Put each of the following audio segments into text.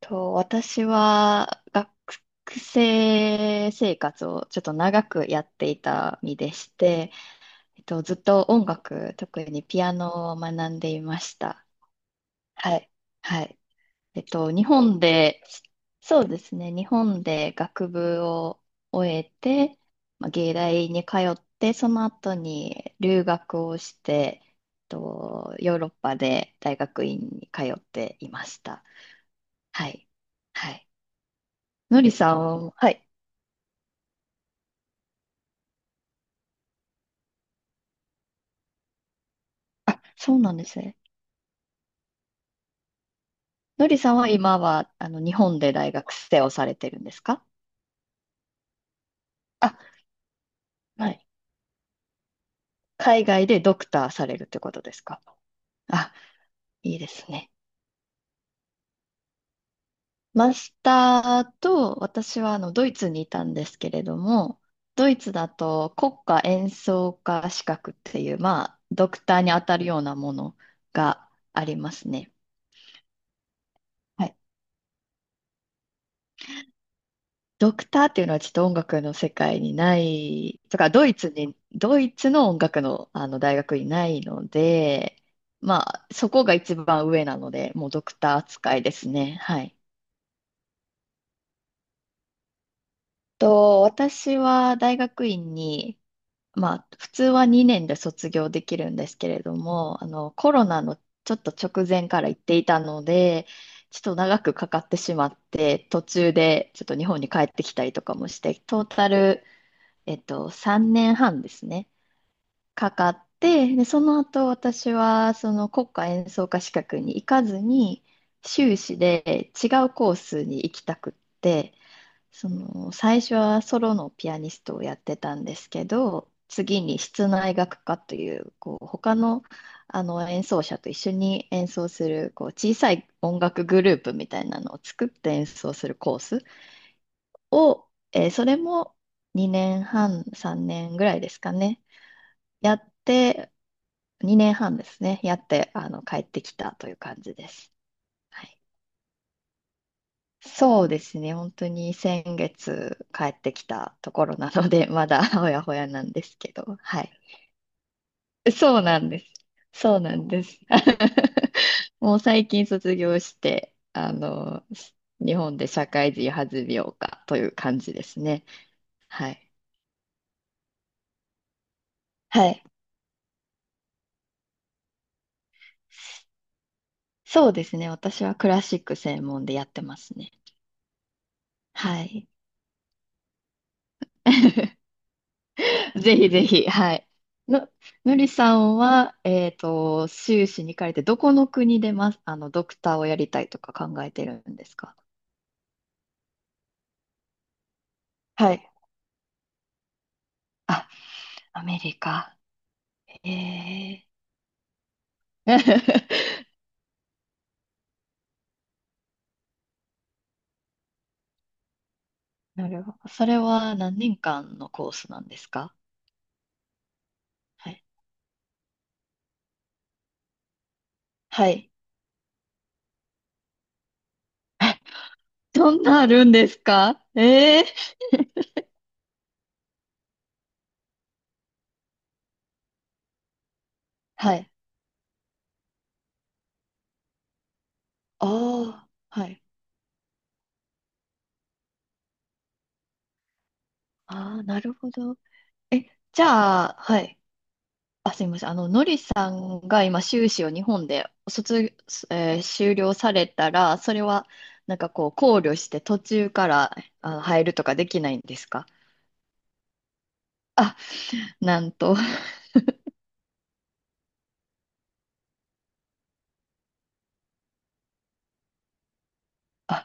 私は学生生活をちょっと長くやっていた身でして、ずっと音楽、特にピアノを学んでいました。はい。はい。日本で、そうですね、日本で学部を終えて、まあ、芸大に通って、その後に留学をして、ヨーロッパで大学院に通っていました。はい。はい。のりさん、はい。あ、そうなんですね。のりさんは今は、日本で大学生をされてるんですか？あ、はい。海外でドクターされるってことですか？あ、いいですね。マスターと、私はドイツにいたんですけれども、ドイツだと国家演奏家資格っていう、まあ、ドクターに当たるようなものがありますね。はい。ドクターっていうのはちょっと音楽の世界にない、とか、ドイツの音楽の、大学にないので、まあ、そこが一番上なので、もうドクター扱いですね。はい。私は大学院に、まあ、普通は2年で卒業できるんですけれども、あの、コロナのちょっと直前から行っていたので、ちょっと長くかかってしまって、途中でちょっと日本に帰ってきたりとかもして、トータル3年半ですね、かかって、で、その後私はその国家演奏家資格に行かずに、修士で違うコースに行きたくって、その最初はソロのピアニストをやってたんですけど、次に室内楽科という、こう他の、あの演奏者と一緒に演奏するこう小さい音楽グループみたいなのを作って演奏するコースを、それも2年半、3年ぐらいですかね。やって、2年半ですね。やって、あの、帰ってきたという感じです。はい。そうですね。本当に先月帰ってきたところなので、まだ ほやほやなんですけど、はい。そうなんです。そうなんです。もう最近卒業して、あの、日本で社会人弾みようかという感じですね。はい。はい。そうですね。私はクラシック専門でやってますね。はい。ぜひぜひ、はい。の、のりさんは、修士に行かれて、どこの国でます、あの、ドクターをやりたいとか考えてるんですか？はい。あ、アメリカ。ええ なるほど。それは何年間のコースなんですか？はい。はい。え、どんなあるんですか？ええ、はい。ああ、はい。ああ、なるほど。え、じゃあ、はい。あ、すみません。のりさんが今、修士を日本で卒、えー修了されたら、それは、なんかこう、考慮して途中から入るとかできないんですか？あ、なんと。あ、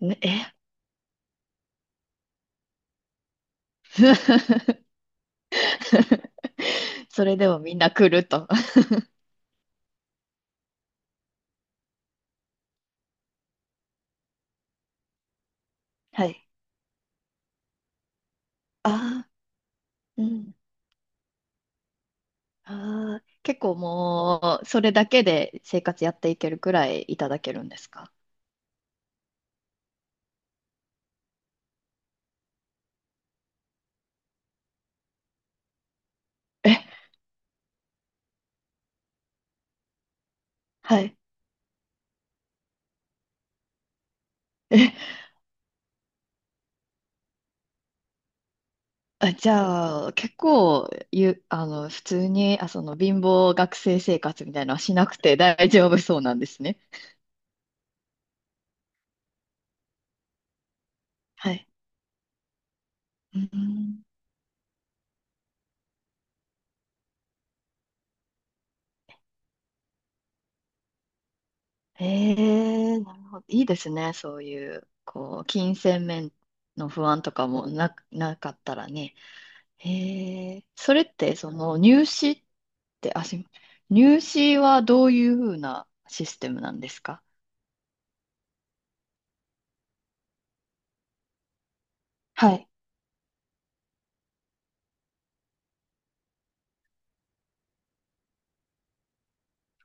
ね、え それでもみんな来ると。はい。ああ、うん。ああ、結構もう、それだけで生活やっていけるくらいいただけるんですか？え、はい。あ、じゃあ、結構、ゆ、あの、普通に、あ、その、貧乏学生生活みたいなのはしなくて大丈夫そうなんですね。はい。うん、ええ、なるほど。いいですね。そういう、こう、金銭面の不安とかもなかったらね。ええ、それって、その、入試って、あ、すいません。入試はどういうふうなシステムなんですか？はい。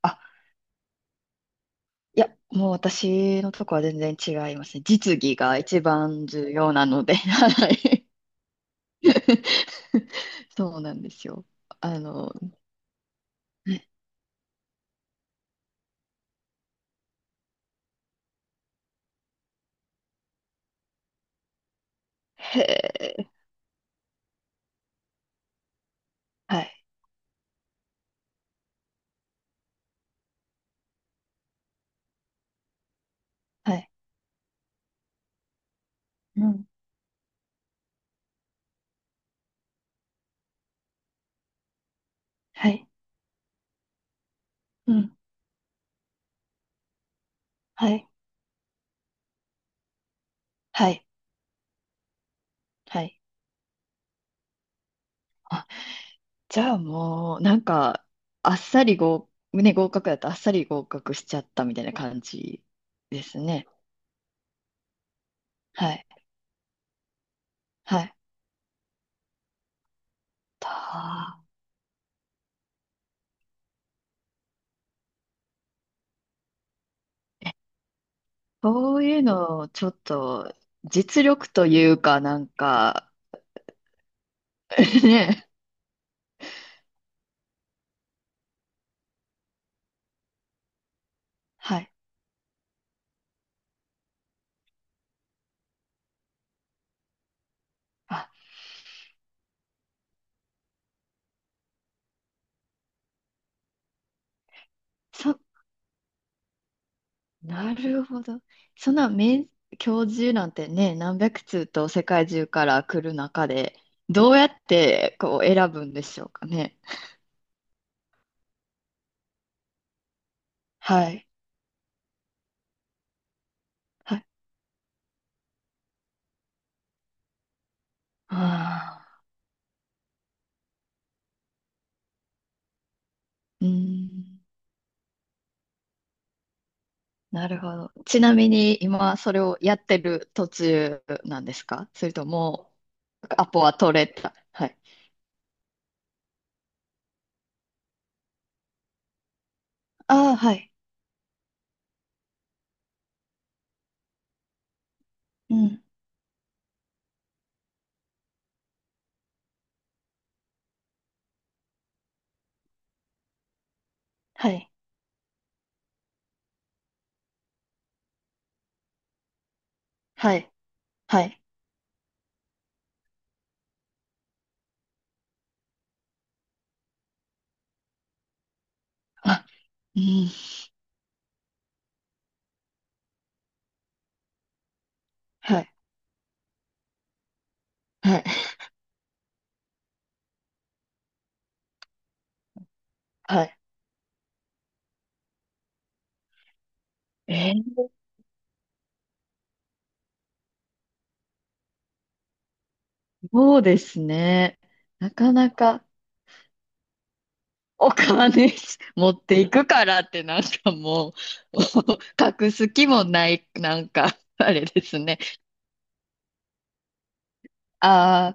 あ、いや、もう私のとこは全然違いますね。実技が一番重要なので、はい。そうなんですよ。あの、ね。へえ、はい、はい、うん、はい、うん、はい、はい、はい。あ、じゃあもう、なんか、あっさり合、ね、合格だとあっさり合格しちゃったみたいな感じですね。はい、はい。たそういうのをちょっと実力というかなんか ね。はい。あ、そ、なるほど。そんな名教授なんてね、何百通と世界中から来る中で、どうやってこう選ぶんでしょうかね。はい。はい。ああ、うーん。なるほど。ちなみに今それをやってる途中なんですか？それともアポは取れた。はい。ああ、はい。うん。はい。はい、はい。あ、うん、はい、はい、はい。えー、そうですね。なかなかお金 持っていくからってなんかもう 隠す気もない、なんかあれですね。あ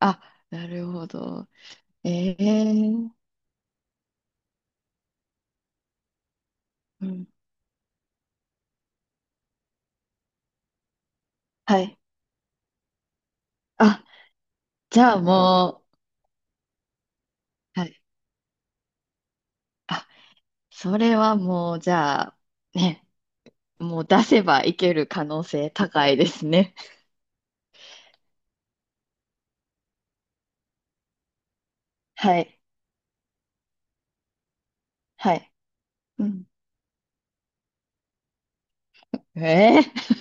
あ、あ、なるほど。えー、うん、はい。あ、じゃあもう、はい。あ、それはもう、じゃあ、ね、もう出せばいける可能性高いですね。はい、はい。うん。えー、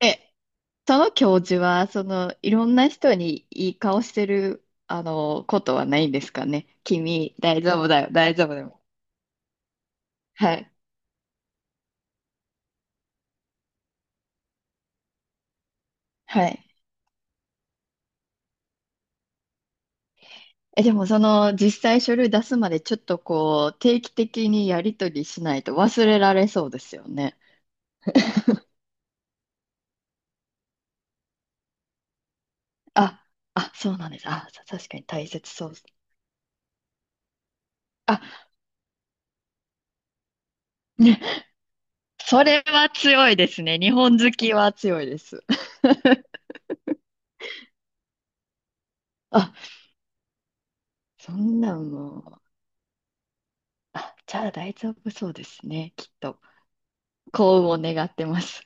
え、その教授は、その、いろんな人にいい顔してる、あの、ことはないんですかね。君、大丈夫だよ、大丈夫だよ。はい、はい。え、でも、その、実際書類出すまで、ちょっとこう、定期的にやり取りしないと忘れられそうですよね。あ、あ、そうなんです。あ、確かに大切そうです。あ、ね、それは強いですね。日本好きは強いです。あ、そんなんもう。あ、じゃあ大丈夫そうですね、きっと。幸運を願ってます。